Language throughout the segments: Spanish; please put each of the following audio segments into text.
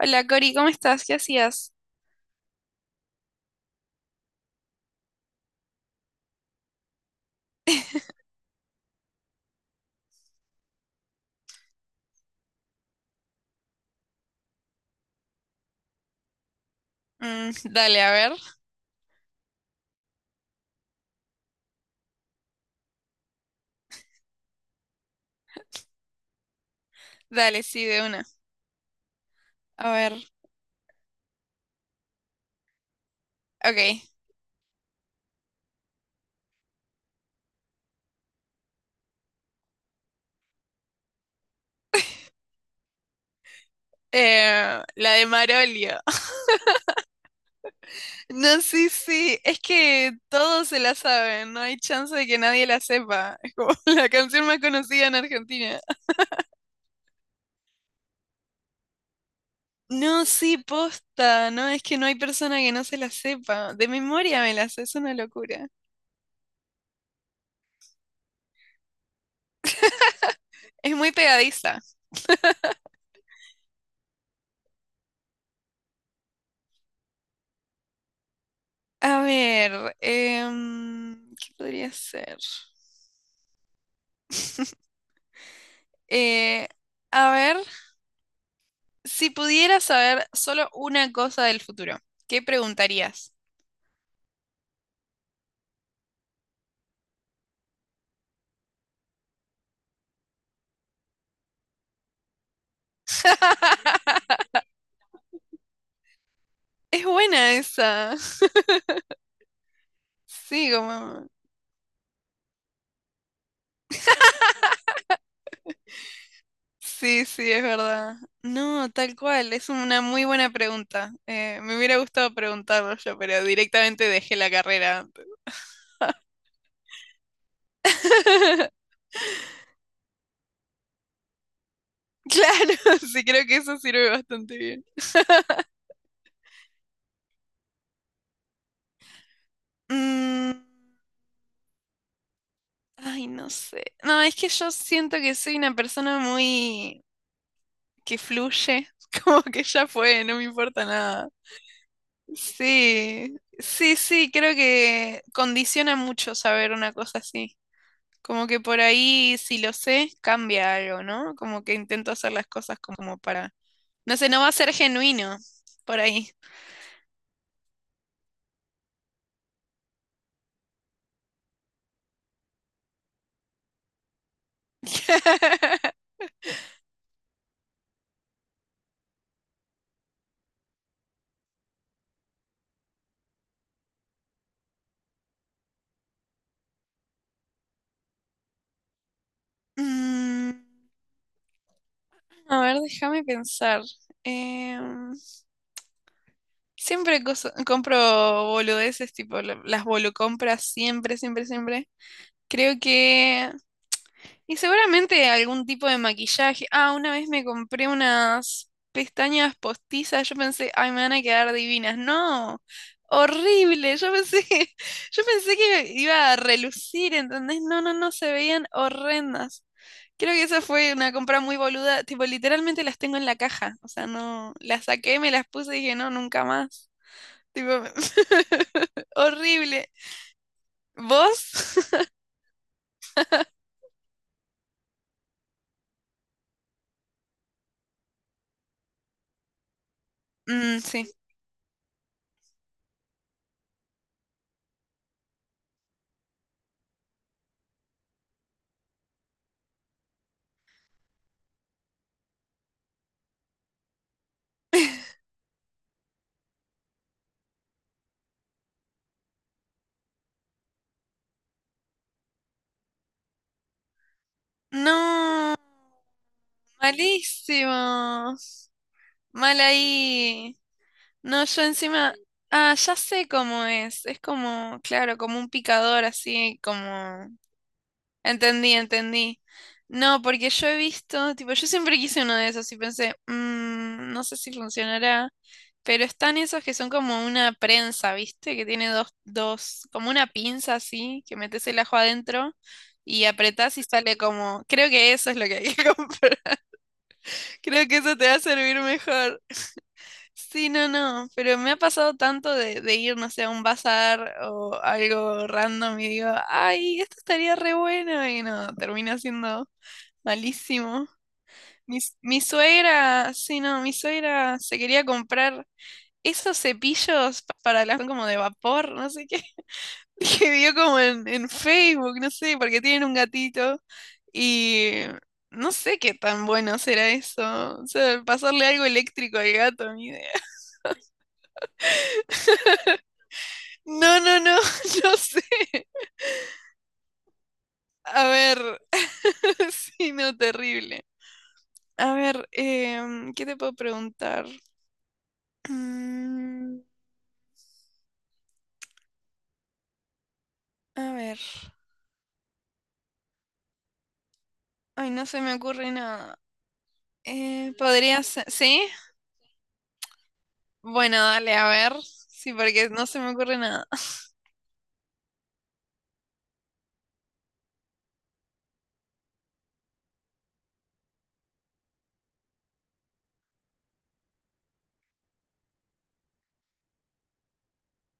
Hola Cori, ¿cómo estás? ¿Qué hacías? Mm, dale, a ver. Dale, sí, de una. A ver. Ok. La de Marolio. No, sí, sí. Es que todos se la saben. No hay chance de que nadie la sepa. Es como la canción más conocida en Argentina. No, sí, posta. No, es que no hay persona que no se la sepa. De memoria me la sé. Es una locura. Es muy pegadiza. A ver. ¿Qué podría ser? Eh, a ver. Si pudieras saber solo una cosa del futuro, ¿qué preguntarías? Es buena esa. Sí, como... Sí, sí, es verdad. No, tal cual, es una muy buena pregunta. Me hubiera gustado preguntarlo yo, pero directamente dejé la carrera antes. Claro, sí, creo que eso sirve bastante bien. Mm, ay, no sé. No, es que yo siento que soy una persona muy que fluye, como que ya fue, no me importa nada. Sí, sí, sí, creo que condiciona mucho saber una cosa así. Como que por ahí, si lo sé, cambia algo, ¿no? Como que intento hacer las cosas como para... No sé, no va a ser genuino por ahí. Mm, a ver, déjame pensar. Em, Siempre compro boludeces, tipo las bolucompras, siempre, siempre, siempre. Creo que y seguramente algún tipo de maquillaje. Ah, una vez me compré unas pestañas postizas. Yo pensé, ay, me van a quedar divinas. No, horrible. Yo pensé, yo pensé que iba a relucir, ¿entendés? No, no, no, se veían horrendas. Creo que esa fue una compra muy boluda. Tipo, literalmente las tengo en la caja. O sea, no, las saqué, me las puse y dije, no, nunca más. Tipo, horrible. ¿Vos? Mm, sí. No. Malísimos. Mal ahí. No, yo encima. Ah, ya sé cómo es. Es como, claro, como un picador así, como. Entendí, entendí. No, porque yo he visto, tipo, yo siempre quise uno de esos y pensé: "Mm, no sé si funcionará". Pero están esos que son como una prensa, ¿viste? Que tiene dos, dos, como una pinza así, que metes el ajo adentro y apretás y sale como. Creo que eso es lo que hay que comprar. Creo que eso te va a servir mejor. Sí, no, no, pero me ha pasado tanto de ir, no sé, a un bazar o algo random y digo, ay, esto estaría re bueno y no, termina siendo malísimo. Mi, mi suegra, sí, no, mi suegra se quería comprar esos cepillos para las como de vapor, no sé qué. Que vio como en Facebook, no sé, porque tienen un gatito y no sé qué tan bueno será eso. O sea, pasarle algo eléctrico al gato, ni idea. No, no, no, no sé. A ver, sí, no, terrible. A ver, ¿qué te puedo preguntar? Mm, a ver, ay, no se me ocurre nada. ¿Podría ser? ¿Sí? Bueno, dale, a ver. Sí, porque no se me ocurre nada.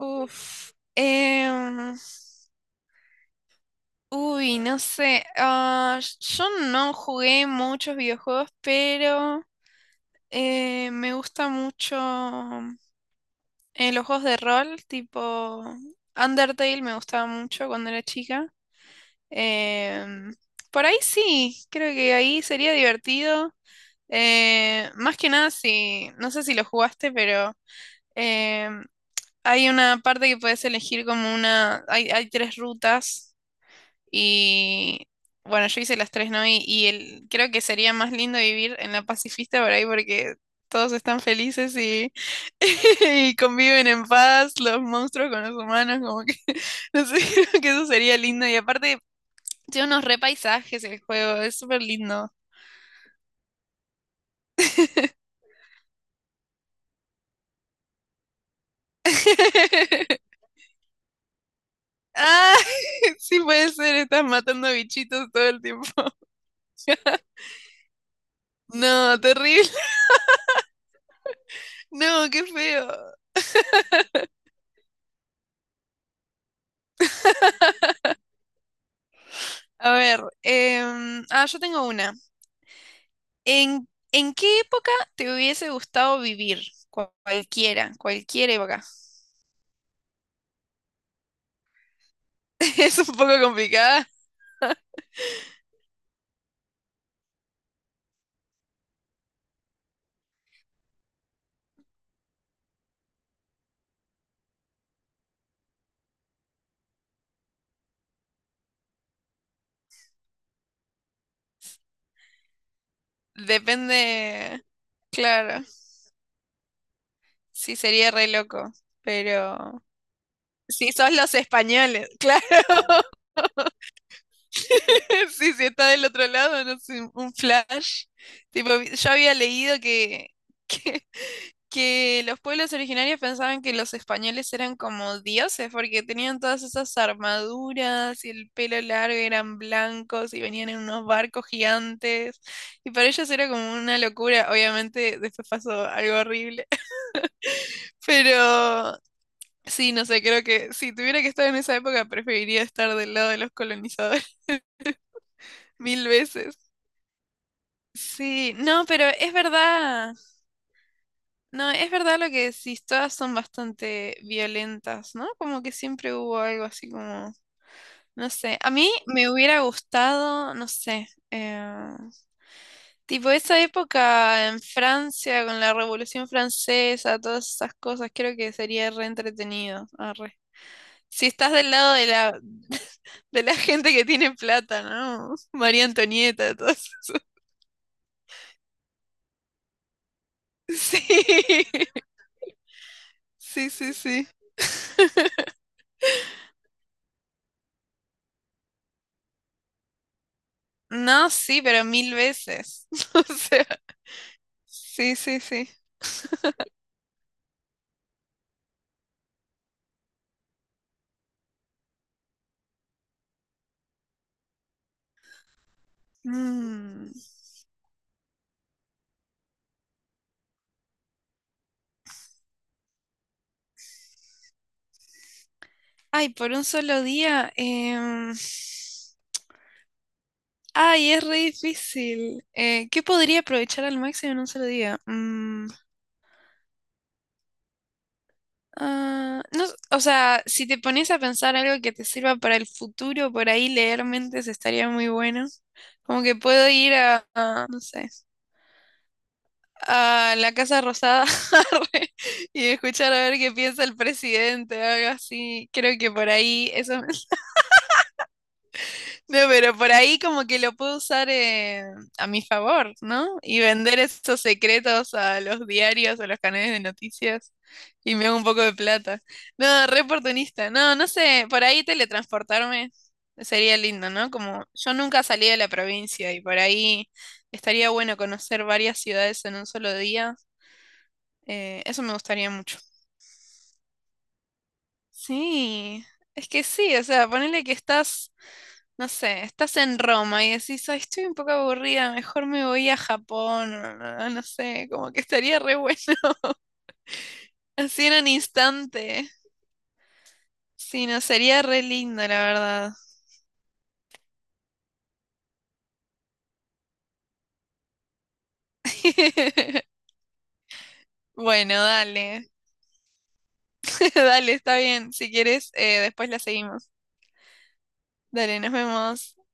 Uf. Uy, no sé. Yo no jugué muchos videojuegos, pero me gusta mucho los juegos de rol, tipo Undertale me gustaba mucho cuando era chica. Em, por ahí sí, creo que ahí sería divertido. Más que nada, si, no sé si lo jugaste, pero em, hay una parte que puedes elegir como una, hay tres rutas y bueno, yo hice las tres, ¿no? Y el, creo que sería más lindo vivir en la pacifista por ahí porque todos están felices y, y conviven en paz los monstruos con los humanos, como que, no sé, creo que eso sería lindo. Y aparte, tiene unos re paisajes el juego, es súper lindo. Ah, sí puede ser, estás matando bichitos todo el tiempo. No, terrible. No, qué feo. A ver, ah, yo tengo una. ¿En qué época te hubiese gustado vivir? Cualquiera, cualquier época. Es un poco complicada. Depende, claro. Sí, sería re loco. Pero si sos los españoles, claro. Sí, si está del otro lado, no sé, un flash. Tipo, yo había leído que, que los pueblos originarios pensaban que los españoles eran como dioses porque tenían todas esas armaduras y el pelo largo, y eran blancos y venían en unos barcos gigantes y para ellos era como una locura. Obviamente después pasó algo horrible, pero sí, no sé, creo que si tuviera que estar en esa época preferiría estar del lado de los colonizadores mil veces. Sí, no, pero es verdad. No, es verdad lo que decís, todas son bastante violentas, ¿no? Como que siempre hubo algo así como, no sé, a mí me hubiera gustado, no sé, tipo esa época en Francia con la Revolución Francesa, todas esas cosas, creo que sería re entretenido. Arre. Si estás del lado de la, de la gente que tiene plata, ¿no? María Antonieta, todas. Sí, sí, sí, sí. No, sí, pero mil veces. O sea. Sí, sí, sí. Mm. Ay, por un solo día. Ay, es re difícil. ¿Qué podría aprovechar al máximo en un solo día? Mm, ah, no, o sea, si te pones a pensar algo que te sirva para el futuro, por ahí leer mentes estaría muy bueno. Como que puedo ir no sé, a la Casa Rosada arre, y escuchar a ver qué piensa el presidente, algo así. Creo que por ahí eso. No, pero por ahí como que lo puedo usar a mi favor, ¿no? Y vender esos secretos a los diarios, a los canales de noticias y me hago un poco de plata. No, re oportunista. No, no sé, por ahí teletransportarme sería lindo, ¿no? Como yo nunca salí de la provincia y por ahí estaría bueno conocer varias ciudades en un solo día. Eso me gustaría mucho. Sí, es que sí, o sea, ponele que estás no sé, estás en Roma y decís, ay, estoy un poco aburrida, mejor me voy a Japón, no no no sé, como que estaría re bueno, así en un instante. Sí, no, sería re lindo, la verdad. Bueno, dale, dale, está bien. Si quieres, después la seguimos. Dale, nos vemos.